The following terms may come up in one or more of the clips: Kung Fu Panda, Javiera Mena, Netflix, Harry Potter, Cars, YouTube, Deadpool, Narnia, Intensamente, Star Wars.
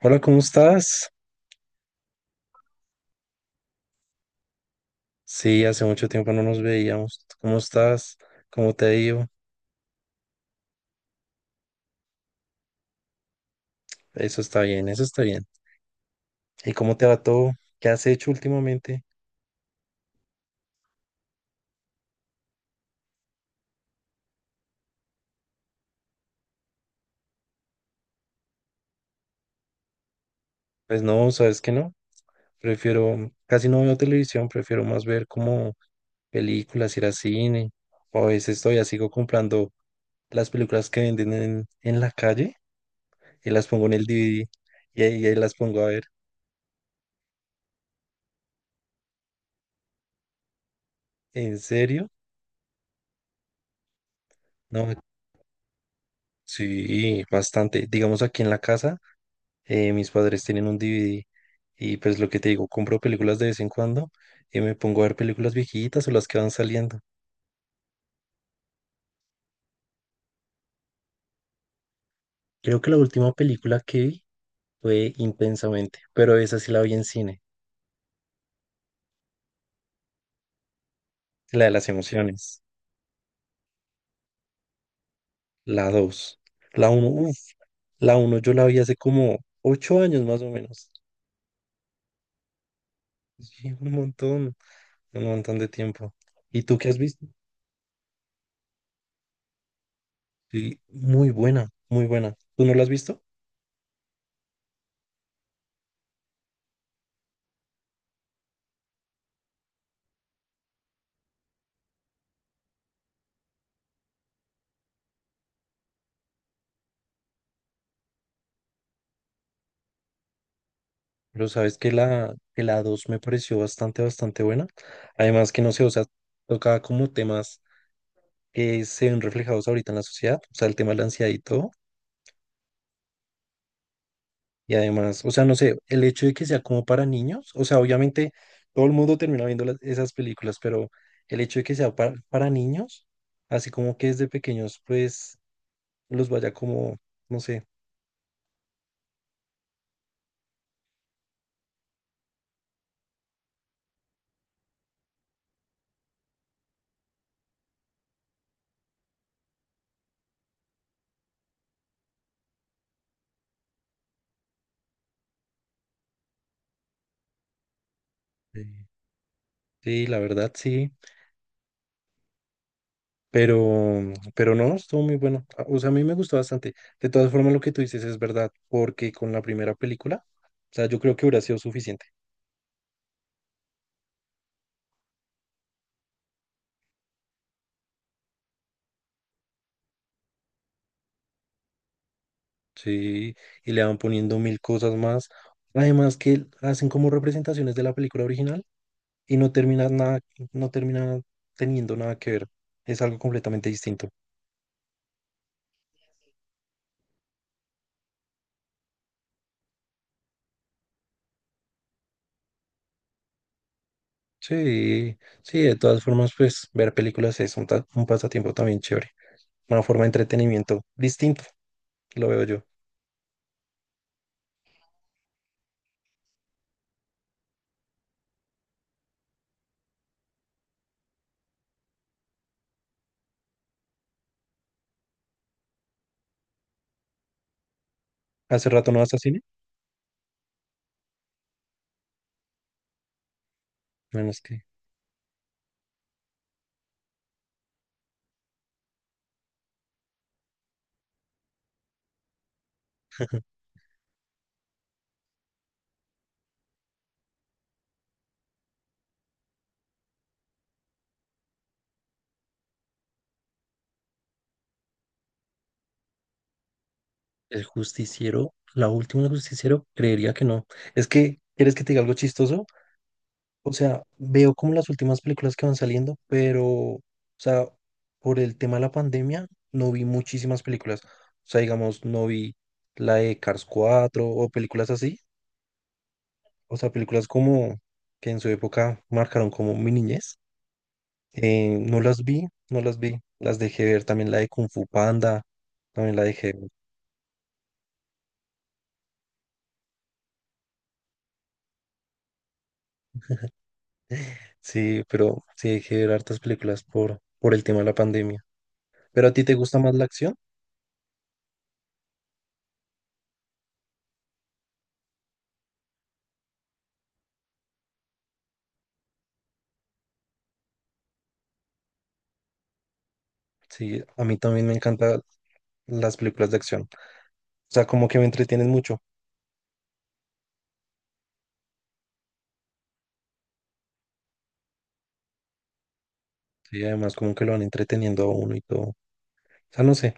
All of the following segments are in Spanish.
Hola, ¿cómo estás? Sí, hace mucho tiempo no nos veíamos. ¿Cómo estás? ¿Cómo te ha ido? Eso está bien, eso está bien. ¿Y cómo te va todo? ¿Qué has hecho últimamente? Pues no, sabes que no. Prefiero, casi no veo televisión, prefiero más ver como películas, ir al cine. O a veces todavía sigo comprando las películas que venden en la calle y las pongo en el DVD y ahí las pongo a ver. ¿En serio? No, sí, bastante. Digamos aquí en la casa. Mis padres tienen un DVD y pues lo que te digo, compro películas de vez en cuando y me pongo a ver películas viejitas o las que van saliendo. Creo que la última película que vi fue Intensamente, pero esa sí la vi en cine, la de las emociones, la dos, la uno uff, la uno yo la vi hace como 8 años más o menos. Sí, un montón de tiempo. ¿Y tú qué has visto? Sí, muy buena, muy buena. ¿Tú no la has visto? Pero sabes que la 2 me pareció bastante, bastante buena. Además que no sé, o sea, tocaba como temas que se ven reflejados ahorita en la sociedad, o sea, el tema de la ansiedad y todo. Y además, o sea, no sé, el hecho de que sea como para niños, o sea, obviamente todo el mundo termina viendo esas películas, pero el hecho de que sea para niños, así como que desde pequeños, pues los vaya como, no sé. eh, Sí, la verdad, sí. Pero, pero no, estuvo muy bueno. Ah, o sea, a mí me gustó bastante. De todas formas, lo que tú dices es verdad, porque con la primera película, o sea, yo creo que hubiera sido suficiente. Sí, y le van poniendo mil cosas más. Además que hacen como representaciones de la película original y no termina nada, no termina teniendo nada que ver. Es algo completamente distinto. Sí, sí, de todas formas, pues ver películas es un, un pasatiempo también chévere. Una forma de entretenimiento distinto, lo veo yo. ¿Hace rato no vas a cine? Menos que el justiciero, la última del justiciero, creería que no. Es que, ¿quieres que te diga algo chistoso? O sea, veo como las últimas películas que van saliendo, pero, o sea, por el tema de la pandemia, no vi muchísimas películas. O sea, digamos, no vi la de Cars 4 o películas así. O sea, películas como que en su época marcaron como mi niñez. No las vi, no las vi. Las dejé ver también la de Kung Fu Panda, también la dejé. Sí, pero sí hay que ver hartas películas por el tema de la pandemia. ¿Pero a ti te gusta más la acción? Sí, a mí también me encantan las películas de acción. O sea, como que me entretienen mucho. Sí, además como que lo van entreteniendo a uno y todo. O sea, no sé,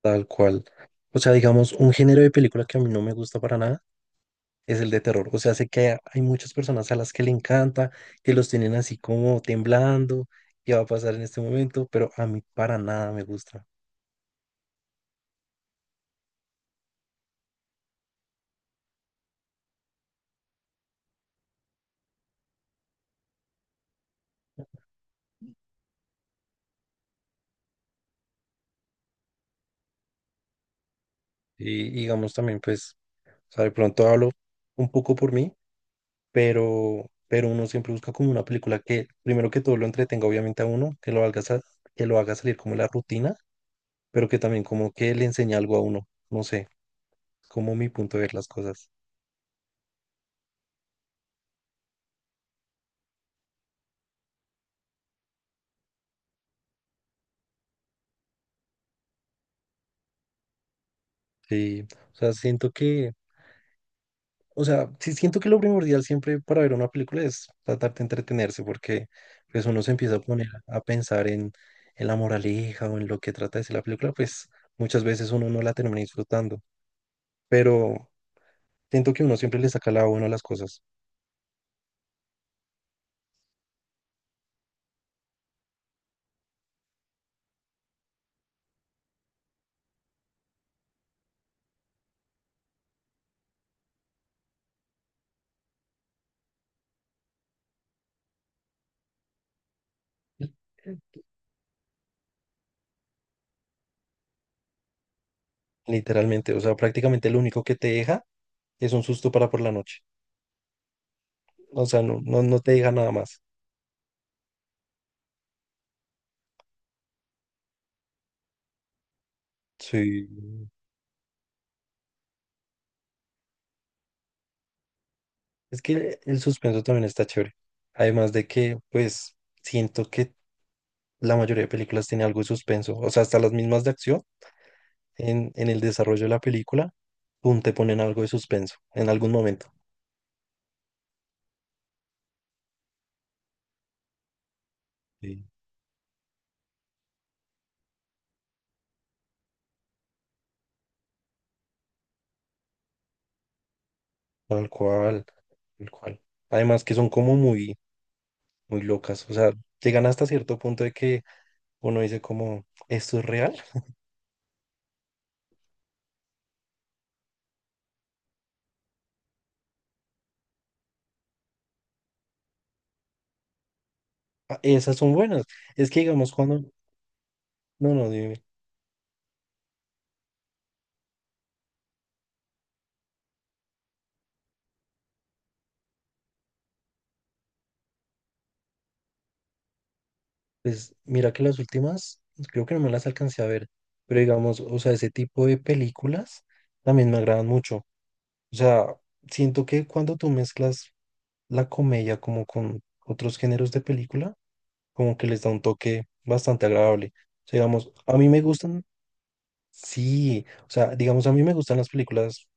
tal cual. O sea, digamos, un género de película que a mí no me gusta para nada es el de terror. O sea, sé que hay muchas personas a las que le encanta, que los tienen así como temblando, qué va a pasar en este momento, pero a mí para nada me gusta. Y digamos también, pues... O sea, de pronto hablo un poco por mí, pero uno siempre busca como una película que, primero que todo, lo entretenga obviamente a uno, que lo haga, que lo haga salir como de la rutina, pero que también como que le enseñe algo a uno. No sé, como mi punto de ver las cosas. Sí, o sea, siento que, o sea, sí siento que lo primordial siempre para ver una película es tratar de entretenerse, porque pues uno se empieza a poner a pensar en la moraleja o en lo que trata de ser la película, pues muchas veces uno no la termina disfrutando. Pero, siento que uno siempre le saca la buena a las cosas, literalmente. O sea, prácticamente lo único que te deja es un susto para por la noche. O sea, no, no, no te deja nada más. Sí. Es que el suspenso también está chévere. Además de que, pues, siento que la mayoría de películas tiene algo de suspenso. O sea, hasta las mismas de acción, en el desarrollo de la película, pum, te ponen algo de suspenso en algún momento. Sí. Tal cual, tal cual. Además que son como muy, muy locas. O sea, llegan hasta cierto punto de que uno dice como, ¿esto es real? Ah, esas son buenas. Es que digamos cuando, no, no, dime, pues mira que las últimas, creo que no me las alcancé a ver, pero digamos, o sea, ese tipo de películas también me agradan mucho. O sea, siento que cuando tú mezclas la comedia como con otros géneros de película, como que les da un toque bastante agradable. O sea, digamos, a mí me gustan, sí, o sea, digamos, a mí me gustan las películas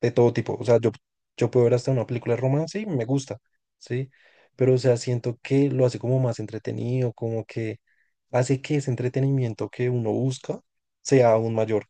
de todo tipo. O sea, yo puedo ver hasta una película de romance y me gusta, ¿sí? Pero, o sea, siento que lo hace como más entretenido, como que hace que ese entretenimiento que uno busca sea aún mayor.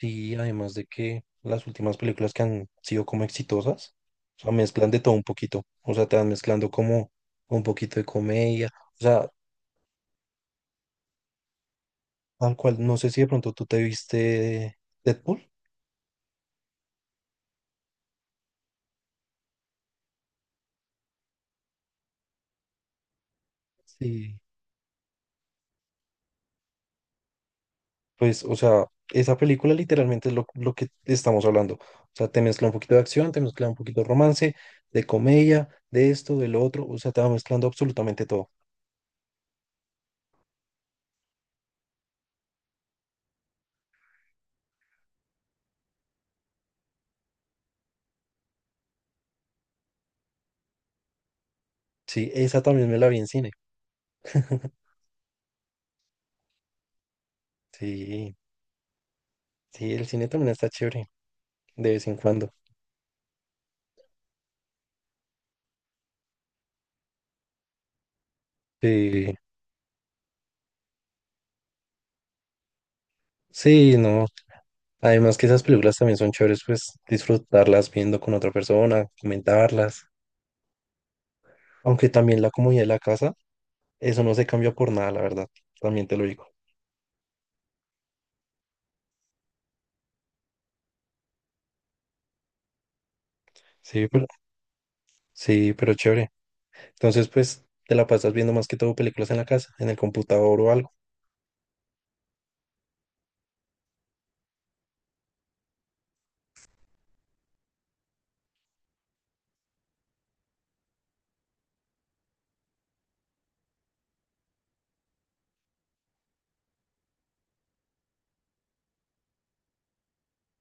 Y además de que las últimas películas que han sido como exitosas, o sea, mezclan de todo un poquito. O sea, te van mezclando como un poquito de comedia. O sea, tal cual, no sé si de pronto tú te viste Deadpool. Sí. Pues, o sea, esa película literalmente es lo que estamos hablando. O sea, te mezcla un poquito de acción, te mezcla un poquito de romance, de comedia, de esto, de lo otro. O sea, te va mezclando absolutamente todo. Sí, esa también me la vi en cine. Sí, sí, el cine también está chévere de vez en cuando. Sí, sí, no. Además que esas películas también son chéveres, pues disfrutarlas viendo con otra persona, comentarlas. Aunque también la comodidad de la casa, eso no se cambia por nada, la verdad. También te lo digo. Sí, pero, sí, pero chévere. Entonces, pues te la pasas viendo más que todo películas en la casa, en el computador o algo.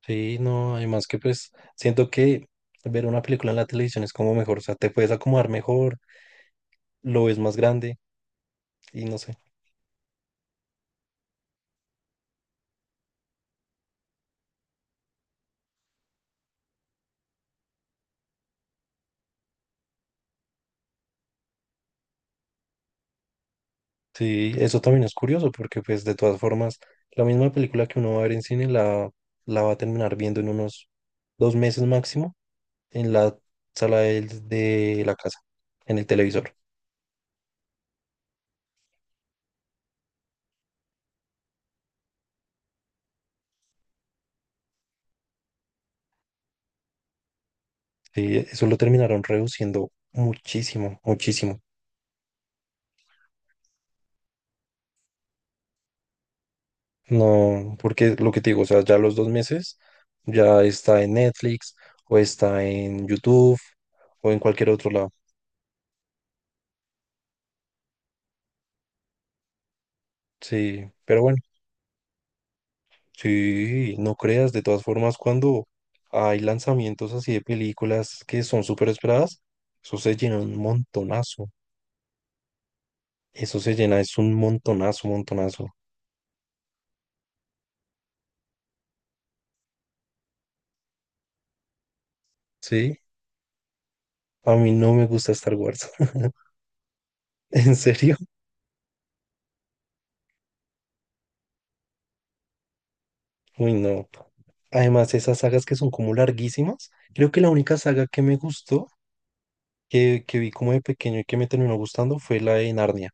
Sí, no, además que pues siento que ver una película en la televisión es como mejor, o sea, te puedes acomodar mejor, lo ves más grande y no sé. Sí, eso también es curioso porque pues de todas formas, la misma película que uno va a ver en cine la va a terminar viendo en unos 2 meses máximo en la sala de la casa, en el televisor. Sí, eso lo terminaron reduciendo muchísimo, muchísimo. No, porque lo que te digo, o sea, ya los 2 meses ya está en Netflix o está en YouTube o en cualquier otro lado. Sí, pero bueno, sí, no creas, de todas formas, cuando hay lanzamientos así de películas que son súper esperadas, eso se llena un montonazo. Eso se llena, es un montonazo, montonazo. Sí, a mí no me gusta Star Wars. ¿En serio? Uy, no. Además, esas sagas que son como larguísimas, creo que la única saga que me gustó que vi como de pequeño y que me terminó gustando fue la de Narnia.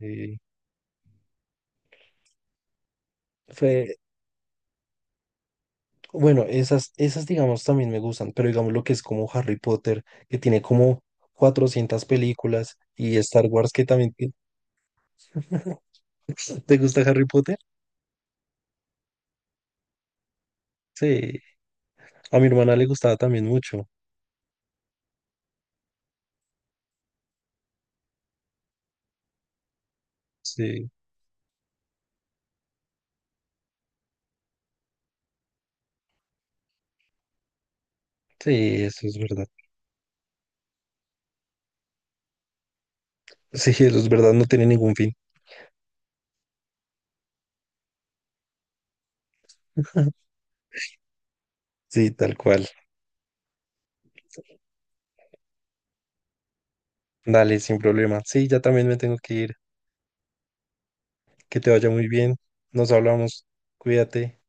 Eh, fue, bueno, esas, esas digamos también me gustan, pero digamos lo que es como Harry Potter, que tiene como 400 películas, y Star Wars que también... tiene- ¿Te gusta Harry Potter? Sí. A mi hermana le gustaba también mucho. Sí, sí, eso es verdad. Sí, eso es verdad, no tiene ningún fin. Sí, tal cual. Dale, sin problema. Sí, ya también me tengo que ir. Que te vaya muy bien. Nos hablamos. Cuídate.